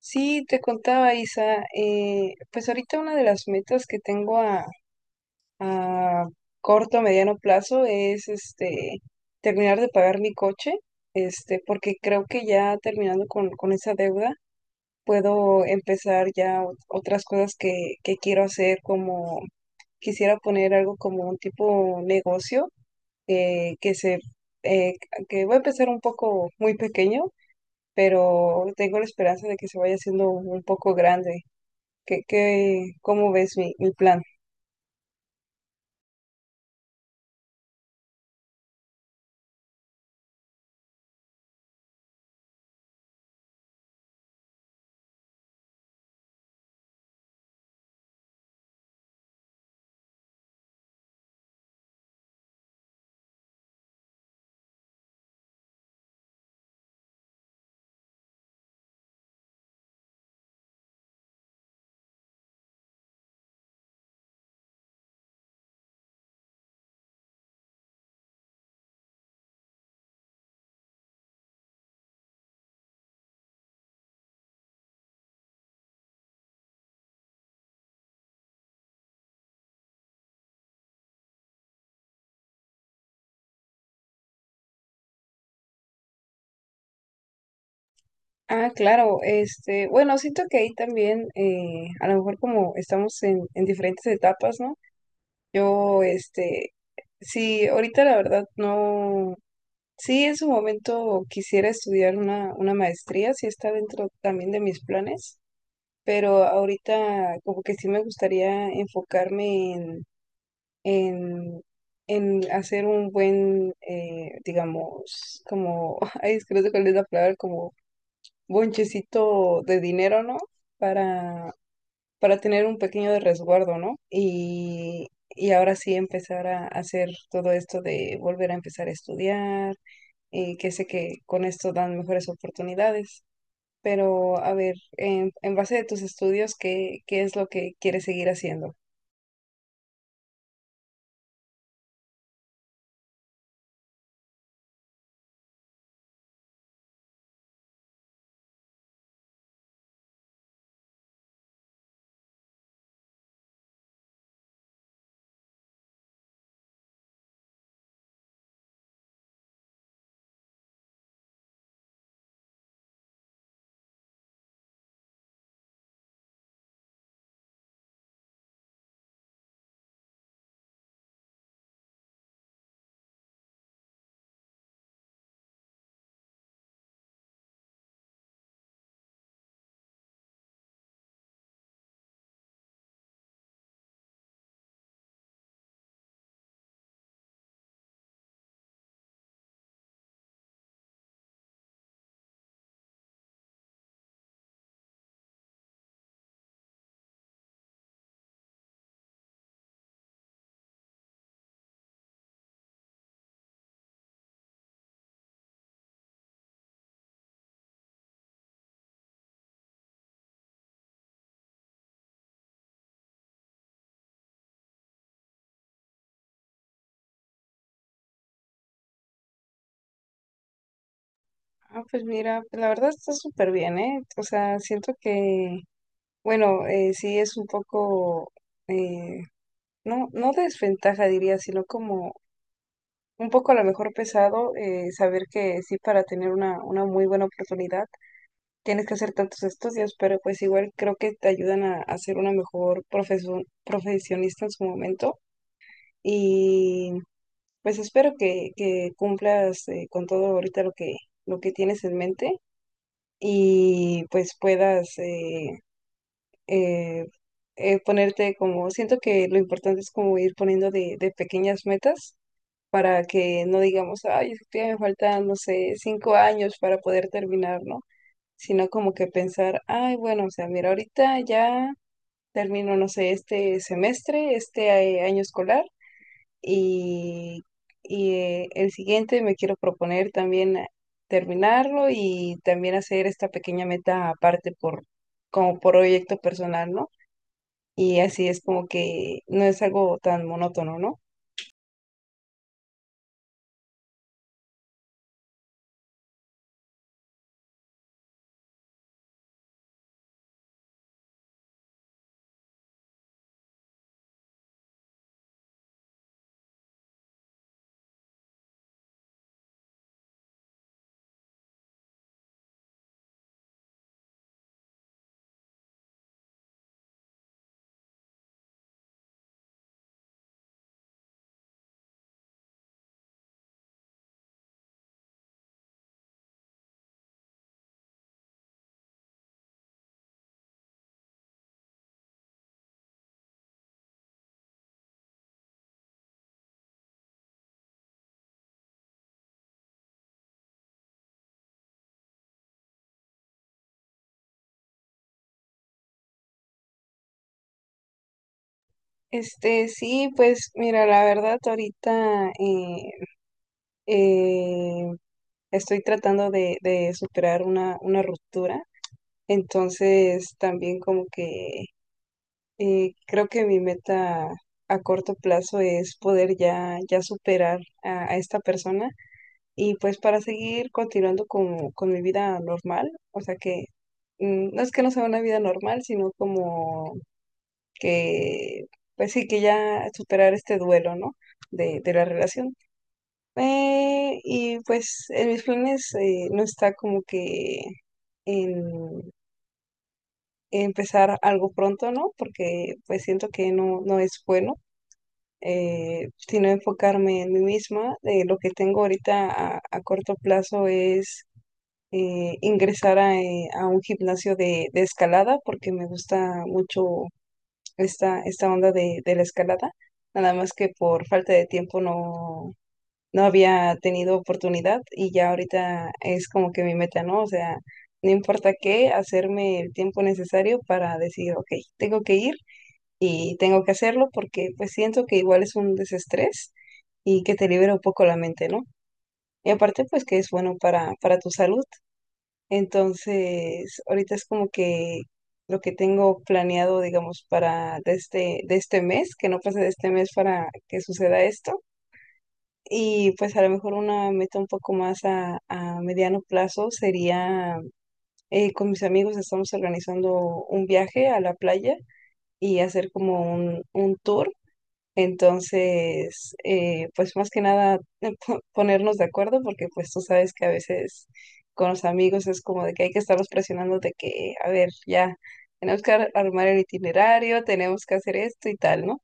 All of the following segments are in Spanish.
Sí, te contaba Isa, pues ahorita una de las metas que tengo a corto o mediano plazo es terminar de pagar mi coche, porque creo que ya terminando con esa deuda puedo empezar ya otras cosas que quiero hacer, como quisiera poner algo como un tipo negocio, eh, que se eh, que voy a empezar un poco muy pequeño, pero tengo la esperanza de que se vaya haciendo un poco grande. ¿Qué, cómo ves mi plan? Ah, claro, este, bueno, siento que ahí también, a lo mejor como estamos en diferentes etapas, ¿no? Yo, este, sí, ahorita la verdad no, sí en su momento quisiera estudiar una maestría, sí está dentro también de mis planes, pero ahorita como que sí me gustaría enfocarme en, en hacer un buen, digamos, como, ay, es que no sé cuál es la palabra, como bonchecito de dinero, ¿no? Para, para tener un pequeño de resguardo, ¿no? Y ahora sí empezar a hacer todo esto de volver a empezar a estudiar, que sé que con esto dan mejores oportunidades. Pero, a ver, en base de tus estudios, ¿qué, qué es lo que quieres seguir haciendo? Ah, pues mira, la verdad está súper bien, ¿eh? O sea, siento que, bueno, sí es un poco, eh, no, no desventaja diría, sino como un poco a lo mejor pesado saber que sí, para tener una muy buena oportunidad tienes que hacer tantos estudios, pero pues igual creo que te ayudan a ser una mejor profesionista en su momento y pues espero que cumplas con todo ahorita lo que tienes en mente y pues puedas eh, ponerte como, siento que lo importante es como ir poniendo de pequeñas metas para que no digamos, ay, es que todavía me faltan, no sé, 5 años para poder terminar, ¿no? Sino como que pensar, ay, bueno, o sea, mira, ahorita ya termino, no sé, este semestre, este año escolar y, y el siguiente me quiero proponer también terminarlo y también hacer esta pequeña meta aparte por, como proyecto personal, ¿no? Y así es como que no es algo tan monótono, ¿no? Este, sí, pues mira, la verdad ahorita eh, estoy tratando de superar una ruptura, entonces también como que creo que mi meta a corto plazo es poder ya, ya superar a esta persona y pues para seguir continuando con mi vida normal, o sea que mm, no es que no sea una vida normal, sino como que, pues sí, que ya superar este duelo, ¿no? De la relación. Y pues en mis planes no está como que en empezar algo pronto, ¿no? Porque pues siento que no, no es bueno, sino enfocarme en mí misma. Lo que tengo ahorita a corto plazo es ingresar a un gimnasio de escalada porque me gusta mucho esta onda de la escalada, nada más que por falta de tiempo no, no había tenido oportunidad y ya ahorita es como que mi meta, ¿no? O sea, no importa qué, hacerme el tiempo necesario para decir, ok, tengo que ir y tengo que hacerlo porque pues siento que igual es un desestrés y que te libera un poco la mente, ¿no? Y aparte pues que es bueno para tu salud. Entonces, ahorita es como que lo que tengo planeado, digamos, para de este mes, que no pase de este mes para que suceda esto. Y pues a lo mejor una meta un poco más a mediano plazo sería, con mis amigos estamos organizando un viaje a la playa y hacer como un tour entonces, pues más que nada ponernos de acuerdo porque pues tú sabes que a veces con los amigos es como de que hay que estarlos presionando de que, a ver, ya, tenemos que armar el itinerario, tenemos que hacer esto y tal, ¿no?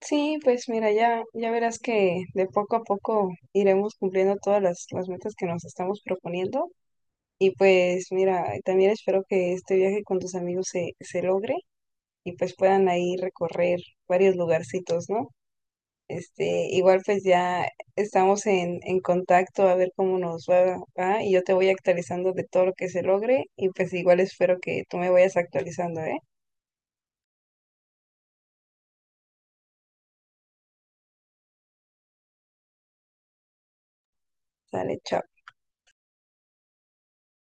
Sí, pues mira, ya, ya verás que de poco a poco iremos cumpliendo todas las metas que nos estamos proponiendo. Y pues mira, también espero que este viaje con tus amigos se, se logre y pues puedan ahí recorrer varios lugarcitos, ¿no? Este, igual pues ya estamos en contacto a ver cómo nos va, va, y yo te voy actualizando de todo lo que se logre y pues igual espero que tú me vayas actualizando, ¿eh? Sale, chao.